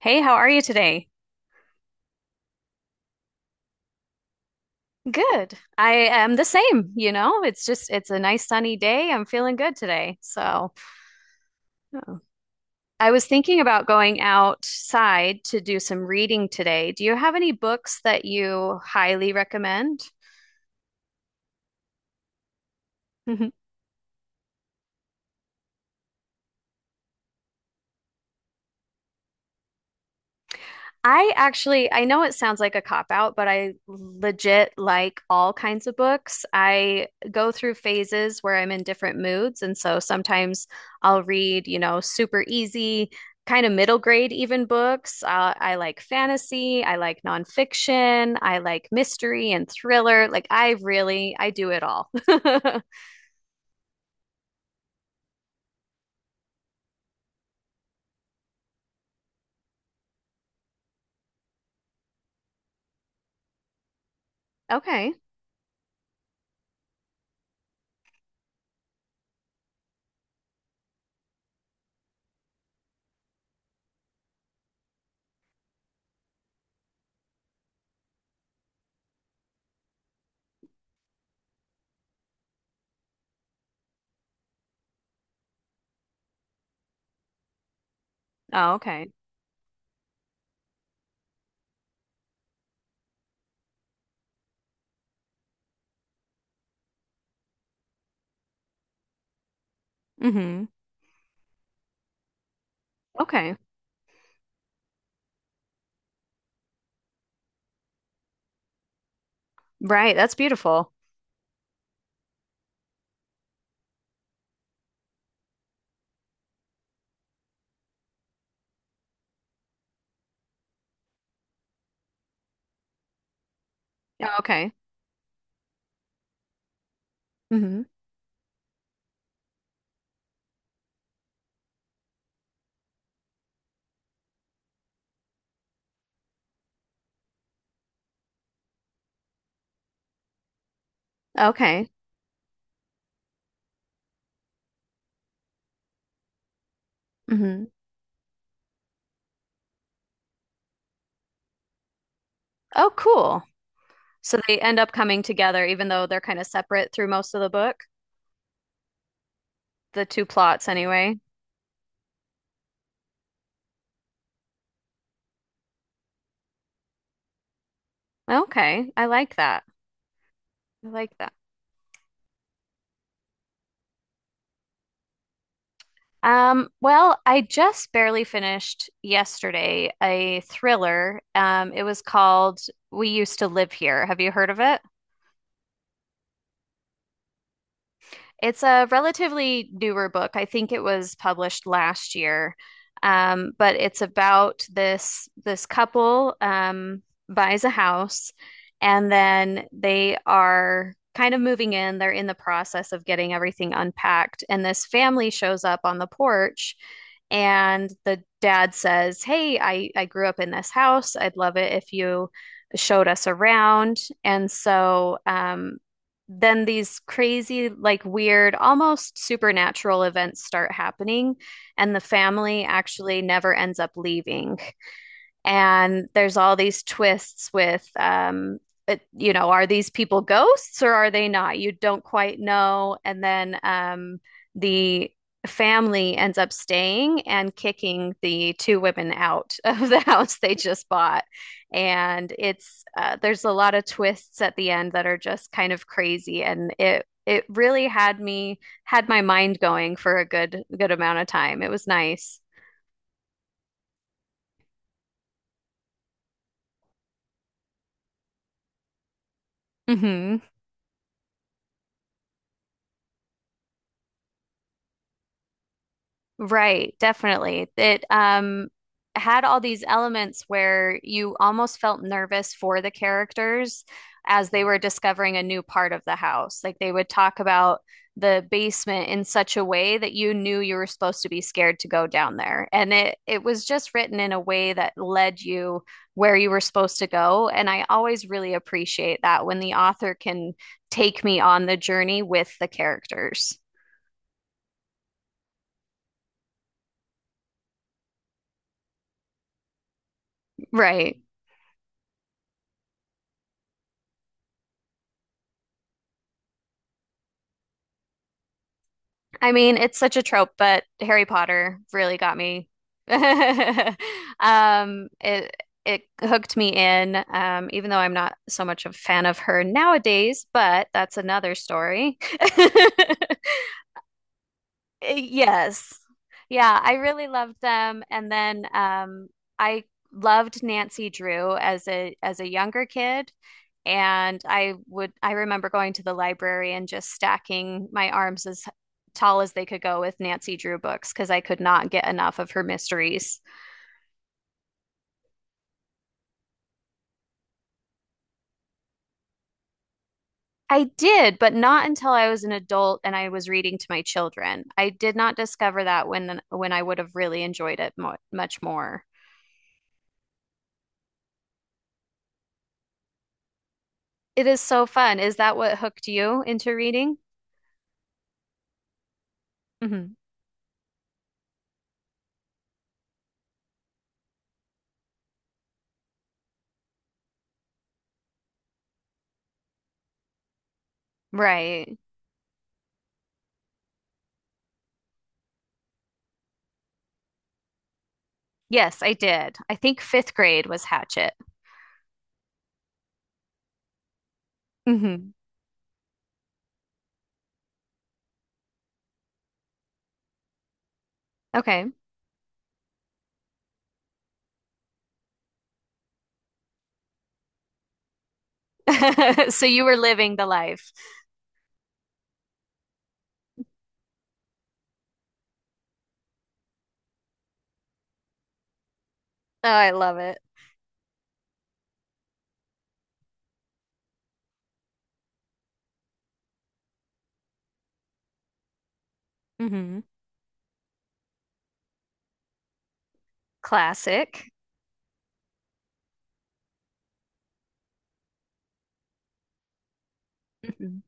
Hey, how are you today? Good. I am the same, you know. It's just it's a nice sunny day. I'm feeling good today. So, oh. I was thinking about going outside to do some reading today. Do you have any books that you highly recommend? I actually, I know it sounds like a cop out, but I legit like all kinds of books. I go through phases where I'm in different moods. And so sometimes I'll read, you know, super easy, kind of middle grade even books. I like fantasy. I like nonfiction. I like mystery and thriller. Like I really, I do it all. Okay. Oh, okay. Hmm. Okay. Right. That's beautiful. Yeah, okay. Hmm. Okay. Hmm. Oh, cool. So they end up coming together, even though they're kind of separate through most of the book, the two plots anyway. Okay, I like that. I like that. Well, I just barely finished yesterday a thriller. It was called We Used to Live Here. Have you heard of it? It's a relatively newer book. I think it was published last year. But it's about this couple buys a house and then they are kind of moving in. They're in the process of getting everything unpacked. And this family shows up on the porch and the dad says, "Hey, I grew up in this house. I'd love it if you showed us around." And so then these crazy, like weird, almost supernatural events start happening, and the family actually never ends up leaving. And there's all these twists with, it, you know, are these people ghosts or are they not? You don't quite know. And then the family ends up staying and kicking the two women out of the house they just bought. And it's there's a lot of twists at the end that are just kind of crazy, and it really had my mind going for a good amount of time. It was nice. Hmm. Right, definitely. It had all these elements where you almost felt nervous for the characters as they were discovering a new part of the house. Like they would talk about the basement in such a way that you knew you were supposed to be scared to go down there. And it was just written in a way that led you where you were supposed to go. And I always really appreciate that when the author can take me on the journey with the characters. Right. I mean, it's such a trope, but Harry Potter really got me. Um, it it hooked me in, even though I'm not so much a fan of her nowadays, but that's another story. Yes. Yeah, I really loved them. And then I loved Nancy Drew as a younger kid. And I remember going to the library and just stacking my arms as tall as they could go with Nancy Drew books because I could not get enough of her mysteries. I did, but not until I was an adult and I was reading to my children. I did not discover that when I would have really enjoyed it mo much more. It is so fun. Is that what hooked you into reading? Hmm. Right. Yes, I did. I think fifth grade was Hatchet. Hmm. Okay. So you were living the life. Oh, I love it. Hmm. Classic. Mhm.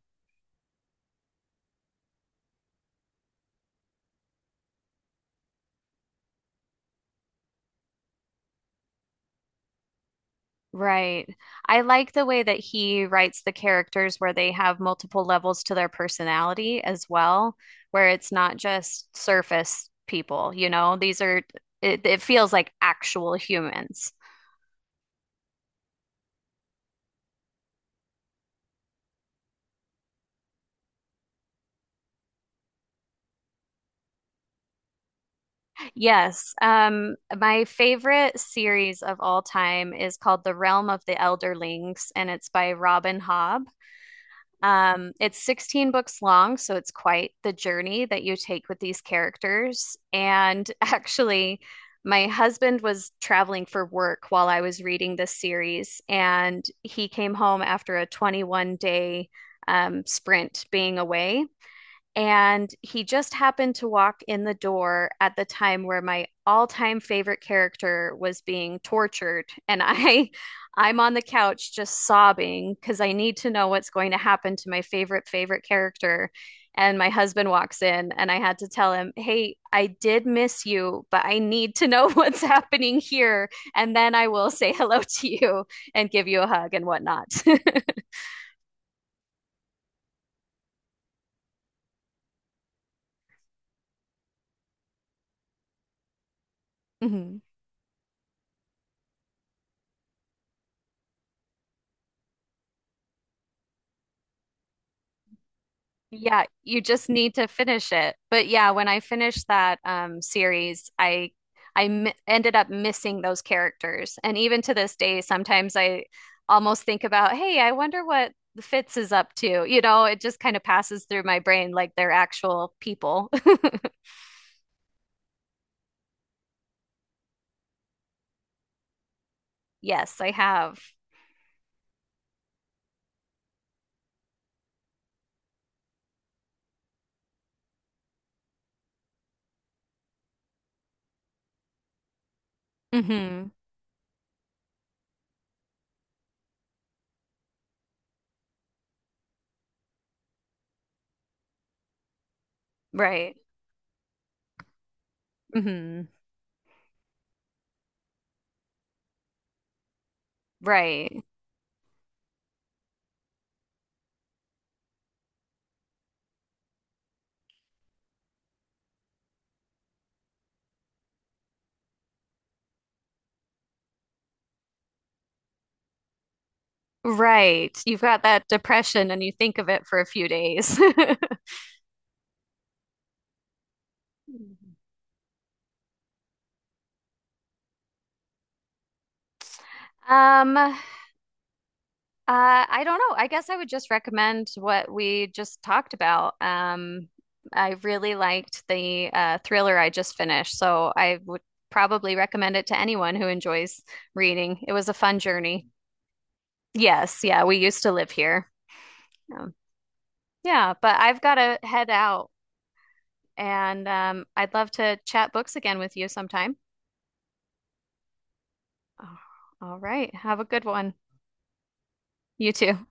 Right. I like the way that he writes the characters where they have multiple levels to their personality as well, where it's not just surface people, you know, these are, it feels like actual humans. Yes. My favorite series of all time is called The Realm of the Elderlings, and it's by Robin Hobb. It's 16 books long, so it's quite the journey that you take with these characters. And actually, my husband was traveling for work while I was reading this series, and he came home after a 21 day sprint being away. And he just happened to walk in the door at the time where my all-time favorite character was being tortured. And I'm on the couch just sobbing because I need to know what's going to happen to my favorite character. And my husband walks in and I had to tell him, "Hey, I did miss you, but I need to know what's happening here, and then I will say hello to you and give you a hug and whatnot." Mhm. Yeah, you just need to finish it. But yeah, when I finished that series, I m ended up missing those characters, and even to this day, sometimes I almost think about, hey, I wonder what Fitz is up to. You know, it just kind of passes through my brain like they're actual people. Yes, I have. Hmm. Right. Hmm. Right. Right. You've got that depression, and you think of it for a few days. Um, I don't know. I guess I would just recommend what we just talked about. I really liked the thriller I just finished, so I would probably recommend it to anyone who enjoys reading. It was a fun journey. Yes, yeah, we used to live here. Um, yeah, but I've got to head out, and I'd love to chat books again with you sometime. Oh, all right, have a good one. You too.